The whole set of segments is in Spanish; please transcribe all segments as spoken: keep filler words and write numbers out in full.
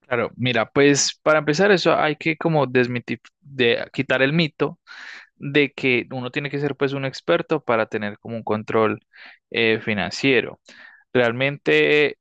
Claro, mira, pues para empezar eso hay que como desmitif de quitar el mito de que uno tiene que ser pues un experto para tener como un control eh, financiero. Realmente,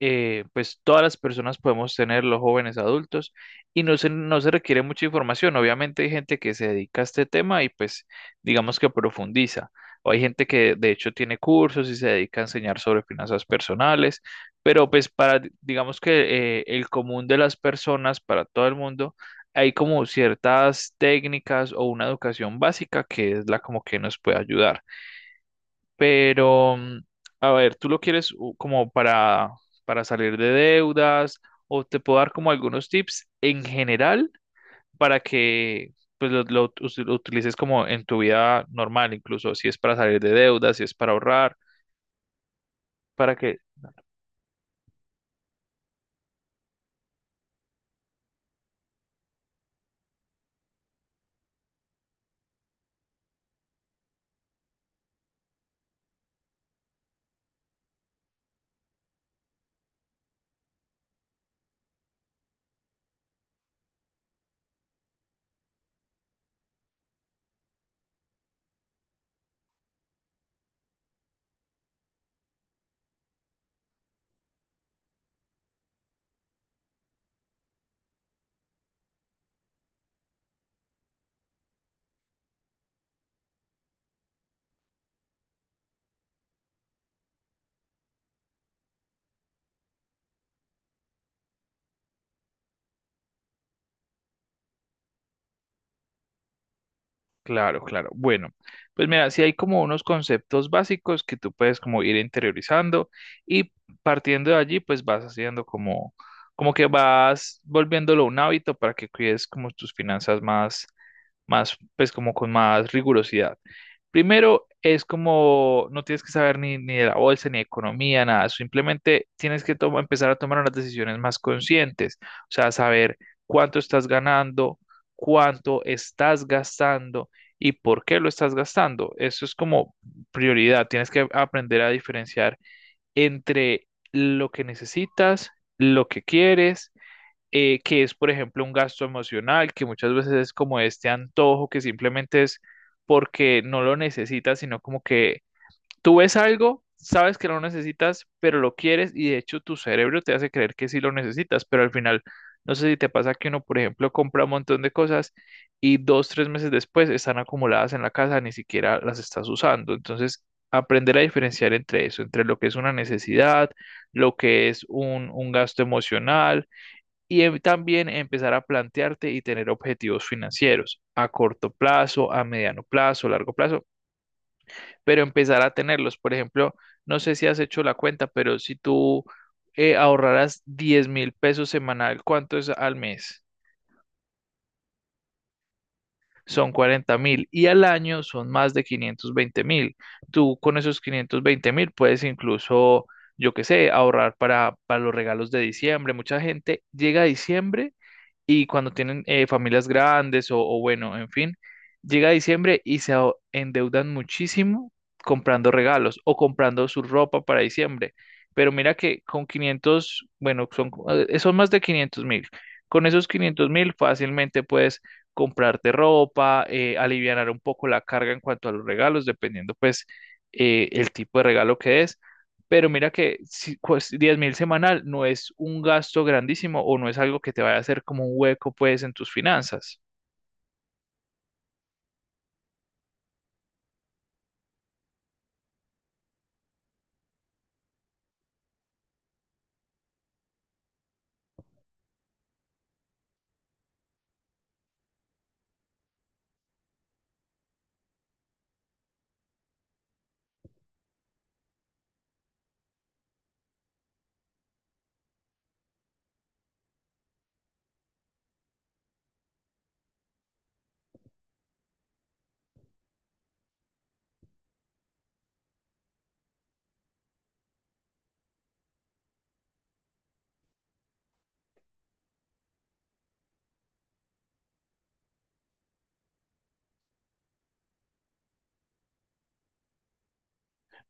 eh, pues todas las personas podemos tener, los jóvenes adultos, y no se, no se requiere mucha información. Obviamente hay gente que se dedica a este tema y pues digamos que profundiza. O hay gente que de hecho tiene cursos y se dedica a enseñar sobre finanzas personales, pero pues para, digamos que eh, el común de las personas, para todo el mundo, hay como ciertas técnicas o una educación básica que es la como que nos puede ayudar. Pero, mm, a ver, ¿tú lo quieres u- como para, para salir de deudas? ¿O te puedo dar como algunos tips en general para que pues, lo, lo ut- lo utilices como en tu vida normal, incluso si es para salir de deudas, si es para ahorrar, para que. Claro, claro. Bueno, pues mira, si hay como unos conceptos básicos que tú puedes como ir interiorizando y partiendo de allí, pues vas haciendo como, como que vas volviéndolo un hábito para que cuides como tus finanzas más más, pues como con más rigurosidad. Primero, es como no tienes que saber ni, ni de la bolsa, ni de economía, nada. Simplemente tienes que toma- empezar a tomar unas decisiones más conscientes. O sea, saber cuánto estás ganando, cuánto estás gastando y por qué lo estás gastando. Eso es como prioridad. Tienes que aprender a diferenciar entre lo que necesitas, lo que quieres, eh, que es, por ejemplo, un gasto emocional, que muchas veces es como este antojo que simplemente es porque no lo necesitas, sino como que tú ves algo, sabes que no lo necesitas, pero lo quieres y de hecho tu cerebro te hace creer que sí lo necesitas, pero al final, no sé si te pasa que uno, por ejemplo, compra un montón de cosas y dos, tres meses después están acumuladas en la casa, ni siquiera las estás usando. Entonces, aprender a diferenciar entre eso, entre lo que es una necesidad, lo que es un, un gasto emocional y em- también empezar a plantearte y tener objetivos financieros a corto plazo, a mediano plazo, largo plazo, pero empezar a tenerlos. Por ejemplo, no sé si has hecho la cuenta, pero si tú eh, ahorraras diez mil pesos semanal, ¿cuánto es al mes? Son cuarenta mil y al año son más de quinientos veinte mil. Tú con esos quinientos veinte mil puedes incluso, yo qué sé, ahorrar para, para los regalos de diciembre. Mucha gente llega a diciembre y cuando tienen eh, familias grandes o, o bueno, en fin, llega diciembre y se a- endeudan muchísimo comprando regalos o comprando su ropa para diciembre. Pero mira que con quinientos, bueno, son, co- eh, eh, son más de quinientos mil. Con esos quinientos mil fácilmente puedes comprarte ropa, eh, alivianar un poco la carga en cuanto a los regalos, dependiendo pues eh, el tipo de regalo que es. Pero mira que si, pues, diez mil semanal no es un gasto grandísimo o no es algo que te vaya a hacer como un hueco pues en tus finanzas.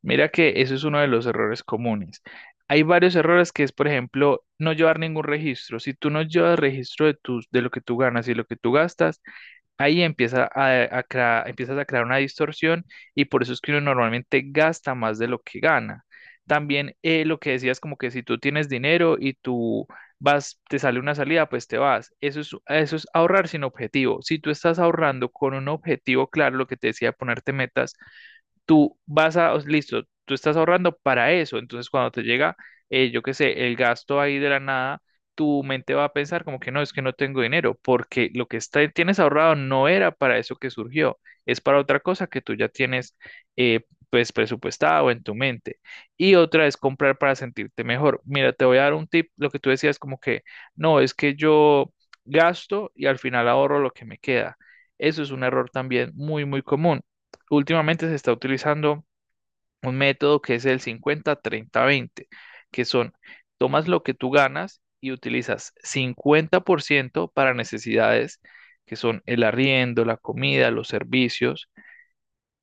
Mira que eso es uno de los errores comunes. Hay varios errores que es, por ejemplo, no llevar ningún registro. Si tú no llevas registro de, tus, de lo que tú ganas y lo que tú gastas, ahí empieza a, a crea- empiezas a crear una distorsión y por eso es que uno normalmente gasta más de lo que gana. También, eh, lo que decías, como que si tú tienes dinero y tú vas, te sale una salida, pues te vas. Eso es, eso es ahorrar sin objetivo. Si tú estás ahorrando con un objetivo claro, lo que te decía, ponerte metas, tú vas a, listo, tú estás ahorrando para eso, entonces cuando te llega, eh, yo qué sé, el gasto ahí de la nada, tu mente va a pensar como que no, es que no tengo dinero, porque lo que está, tienes ahorrado no era para eso que surgió, es para otra cosa que tú ya tienes eh, pues presupuestado en tu mente. Y otra es comprar para sentirte mejor. Mira, te voy a dar un tip, lo que tú decías como que no, es que yo gasto y al final ahorro lo que me queda. Eso es un error también muy, muy común. Últimamente se está utilizando un método que es el cincuenta, treinta, veinte, que son tomas lo que tú ganas y utilizas cincuenta por ciento para necesidades, que son el arriendo, la comida, los servicios;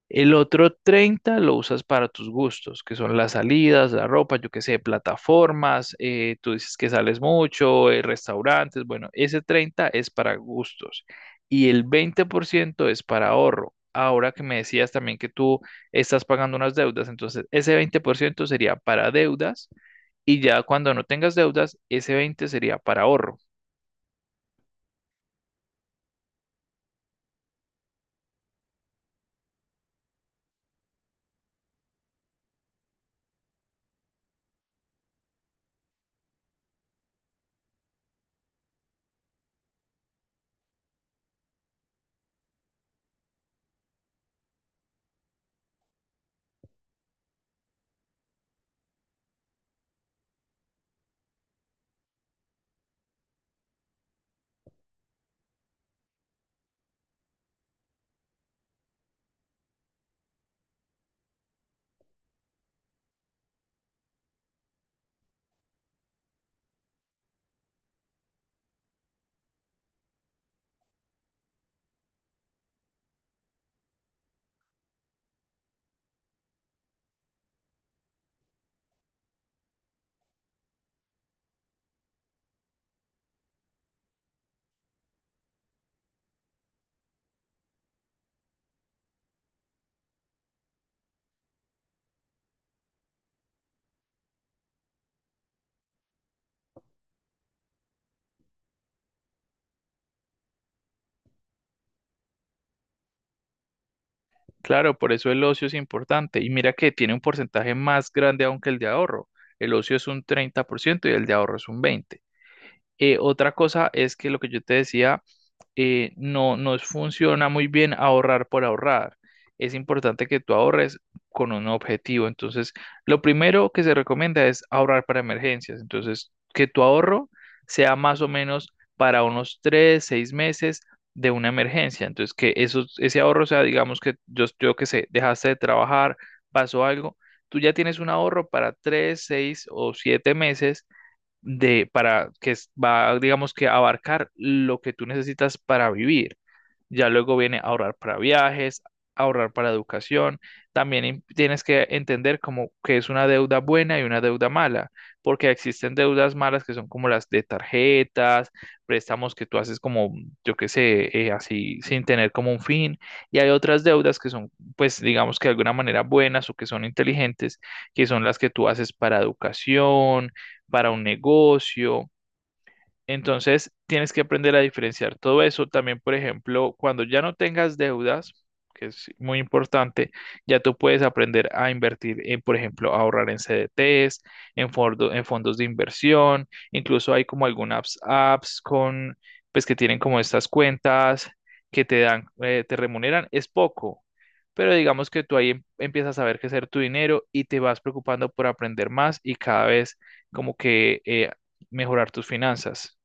el otro treinta lo usas para tus gustos, que son las salidas, la ropa, yo qué sé, plataformas, eh, tú dices que sales mucho, eh, restaurantes, bueno, ese treinta es para gustos, y el veinte por ciento es para ahorro. Ahora que me decías también que tú estás pagando unas deudas, entonces ese veinte por ciento sería para deudas y ya cuando no tengas deudas, ese veinte sería para ahorro. Claro, por eso el ocio es importante. Y mira que tiene un porcentaje más grande aún que el de ahorro. El ocio es un treinta por ciento y el de ahorro es un veinte por ciento. Eh, otra cosa es que lo que yo te decía, eh, no nos funciona muy bien ahorrar por ahorrar. Es importante que tú ahorres con un objetivo. Entonces, lo primero que se recomienda es ahorrar para emergencias. Entonces, que tu ahorro sea más o menos para unos tres, seis meses de una emergencia. Entonces, que eso, ese ahorro sea, digamos que yo, yo que sé, dejaste de trabajar, pasó algo, tú ya tienes un ahorro para tres, seis o siete meses de para que es- va, digamos que abarcar lo que tú necesitas para vivir. Ya luego viene ahorrar para viajes, ahorrar para educación. También im- tienes que entender como que es una deuda buena y una deuda mala, porque existen deudas malas que son como las de tarjetas, préstamos que tú haces como, yo qué sé, eh, así sin tener como un fin. Y hay otras deudas que son, pues digamos que de alguna manera buenas o que son inteligentes, que son las que tú haces para educación, para un negocio. Entonces, tienes que aprender a diferenciar todo eso. También, por ejemplo, cuando ya no tengas deudas, que es muy importante, ya tú puedes aprender a invertir en, por ejemplo, ahorrar en C D Ts, en, fordo- en fondos de inversión. Incluso hay como algunas apps con, pues, que tienen como estas cuentas que te dan, eh, te remuneran. Es poco, pero digamos que tú ahí em- empiezas a ver qué hacer tu dinero y te vas preocupando por aprender más y cada vez como que eh, mejorar tus finanzas.